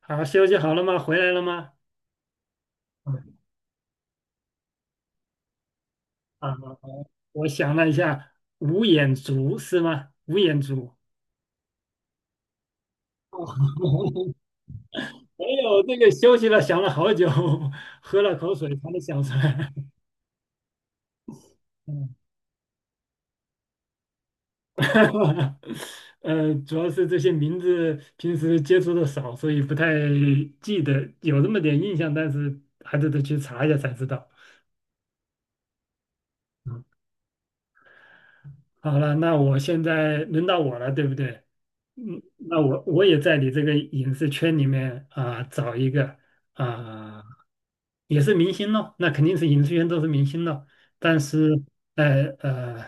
好，休息好了吗？回来了吗？嗯啊，我想了一下，五眼族是吗？五眼族，没有那个休息了，想了好久，喝了口水才能想出来。嗯 主要是这些名字平时接触的少，所以不太记得，有那么点印象，但是还得去查一下才知道。好了，那我现在轮到我了，对不对？嗯，那我也在你这个影视圈里面啊、找一个啊、也是明星咯，那肯定是影视圈都是明星咯。但是呃呃，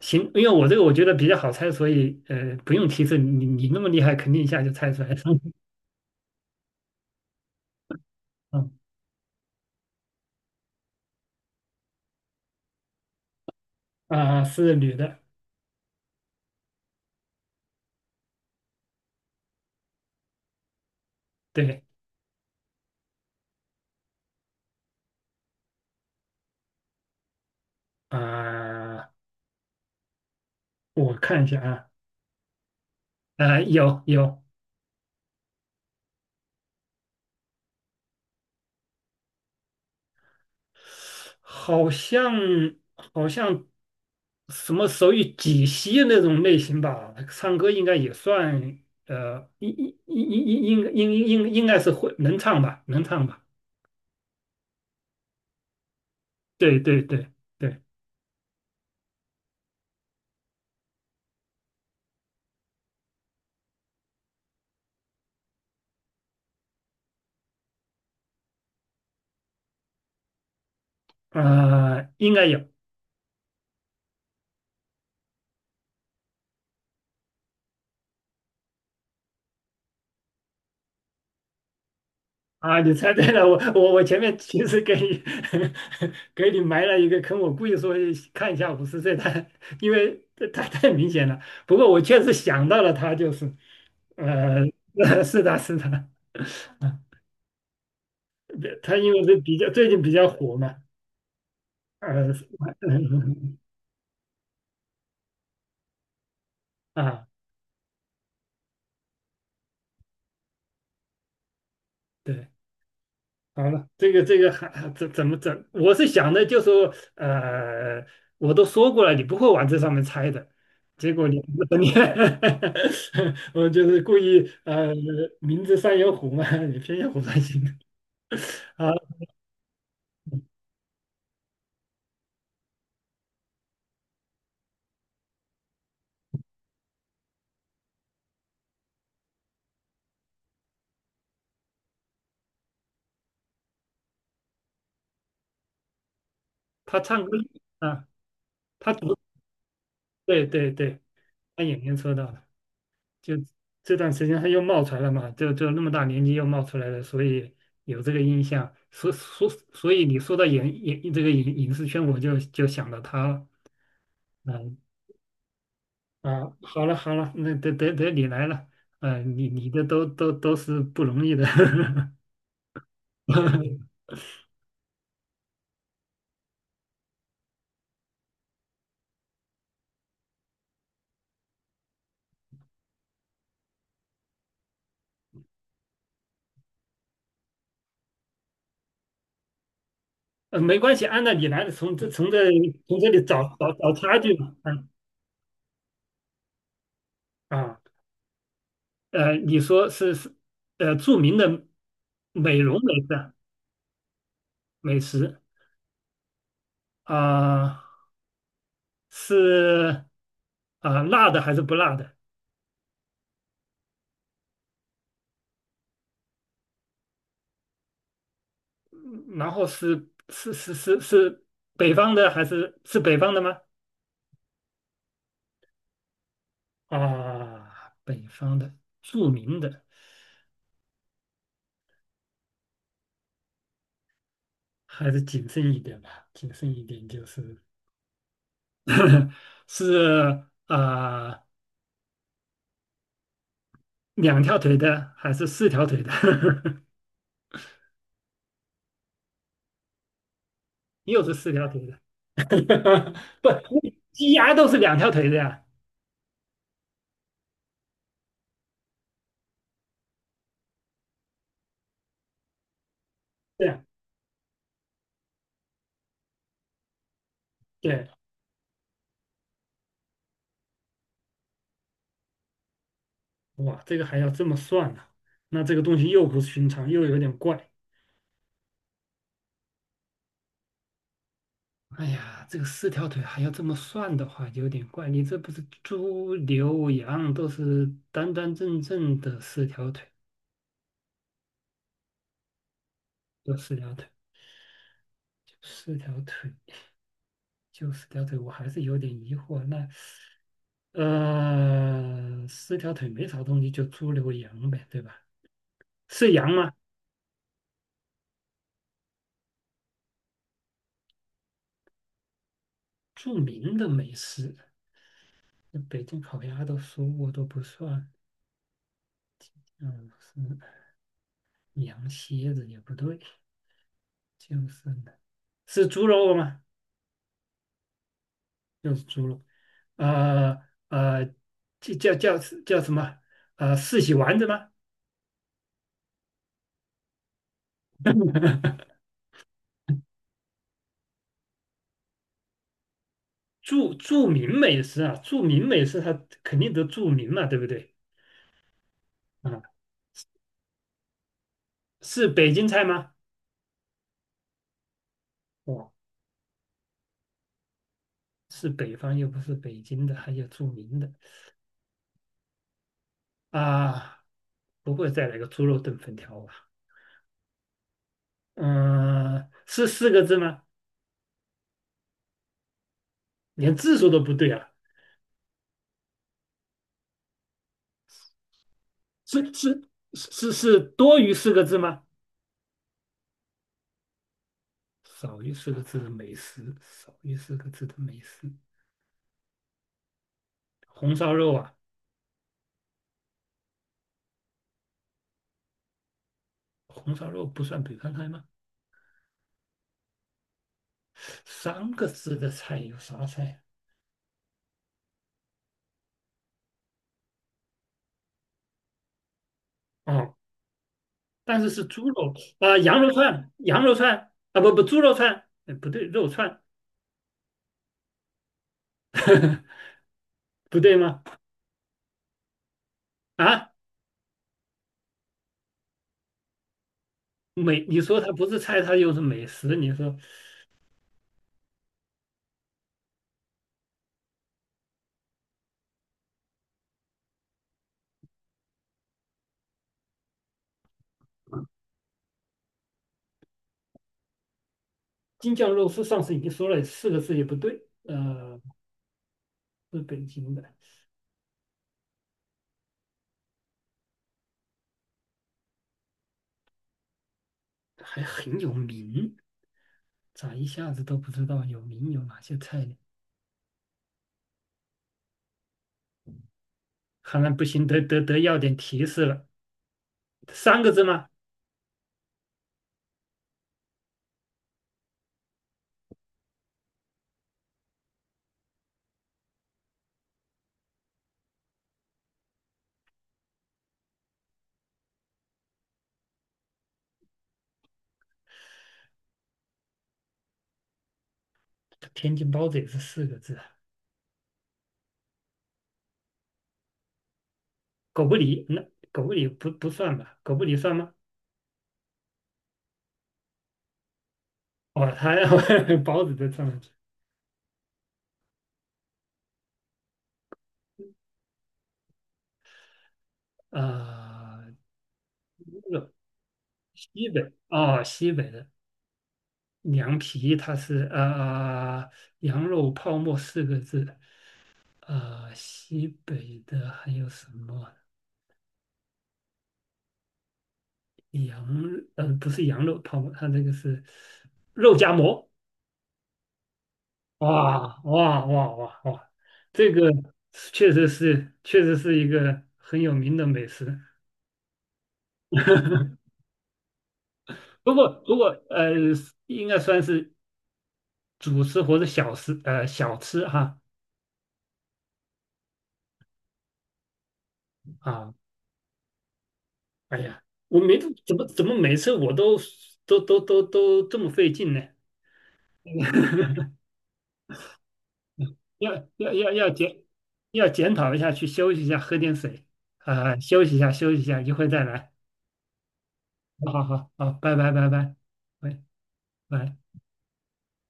行，因为我这个我觉得比较好猜，所以不用提示，你那么厉害，肯定一下就猜出来了。嗯啊、是女的，对啊、我看一下啊，有好像好像什么手语解析那种类型吧，唱歌应该也算，呃，应该是会能唱吧，能唱吧，对对对对，啊、应该有啊，你猜对了，我前面其实给你 给你埋了一个坑，我故意说看一下50岁他，因为他太明显了，不过我确实想到了他就是，呃，是的是的。对，他因为这比较最近比较火嘛，呃，啊，对，好了，这个这个还还怎怎么怎，我是想的就说，我都说过了，你不会往这上面猜的，结果你 你，我就是故意名字上有虎嘛，你偏要虎山行啊，他唱歌啊，他读对对对，他演员说到了。就这段时间他又冒出来了嘛，就那么大年纪又冒出来了，所以有这个印象。所以你说到这个影视圈，我就想到他了。嗯啊，好了好了，那得你来了。嗯，你你的都是不容易的。没关系，按照你来的，从这里找差距嘛。嗯啊，你说是著名的美容美食美食啊。是啊、辣的还是不辣的？嗯然后是北方的还是北方的吗？啊，北方的著名的，还是谨慎一点吧，谨慎一点就是是啊、呃两条腿的还是四条腿的？又是四条腿的，不，鸡鸭都是两条腿的呀。对呀，对啊，哇，这个还要这么算呢、那这个东西又不寻常，又有点怪。哎呀，这个四条腿还要这么算的话，有点怪。你这不是猪、牛、羊都是端端正正的四条腿，就四条腿，就四条腿，就四条腿，我还是有点疑惑。那四条腿没啥东西，就猪、牛、羊呗，对吧？是羊吗？著名的美食，那北京烤鸭都说过都不算，嗯，是羊蝎子也不对，就是呢，是猪肉吗？六是猪肉，呃呃，叫叫叫叫什么？呃，四喜丸子吗？著名美食啊，著名美食它肯定得著名嘛，对不对？啊，是北京菜吗？哦，是北方又不是北京的，还有著名的啊，不会再来个猪肉炖粉条吧？嗯、是四个字吗？连字数都不对啊，是是是多于四个字吗？少于四个字的美食，少于四个字的美食，红烧肉啊，红烧肉不算北方菜吗？三个字的菜有啥菜啊？哦，但是是猪肉啊，羊肉串，羊肉串啊，不不，猪肉串，哎不对，肉串，不对吗？啊，美，你说它不是菜，它又是美食，你说京酱肉丝，上次已经说了四个字也不对，是北京的，还很有名，咋一下子都不知道有名有哪些菜呢？看来不行，得要点提示了。三个字吗？天津包子也是四个字啊。狗不理，那狗不理不算吧？狗不理算吗？哦，他 包子都算啊，去。啊、西北哦，西北的凉皮，它是啊，羊肉泡馍四个字。啊，西北的还有什么？羊不是羊肉泡馍，它这个是肉夹馍。哇哇哇哇哇！这个确实是，确实是一个很有名的美食。不过，不过，应该算是主食或者小食，小吃哈。啊，哎呀，我没怎么每次我都这么费劲呢？要要要要检要检讨一下，去休息一下，喝点水啊，休息一下，休息一下，一会再来。好好好，好，拜拜拜拜，喂。拜。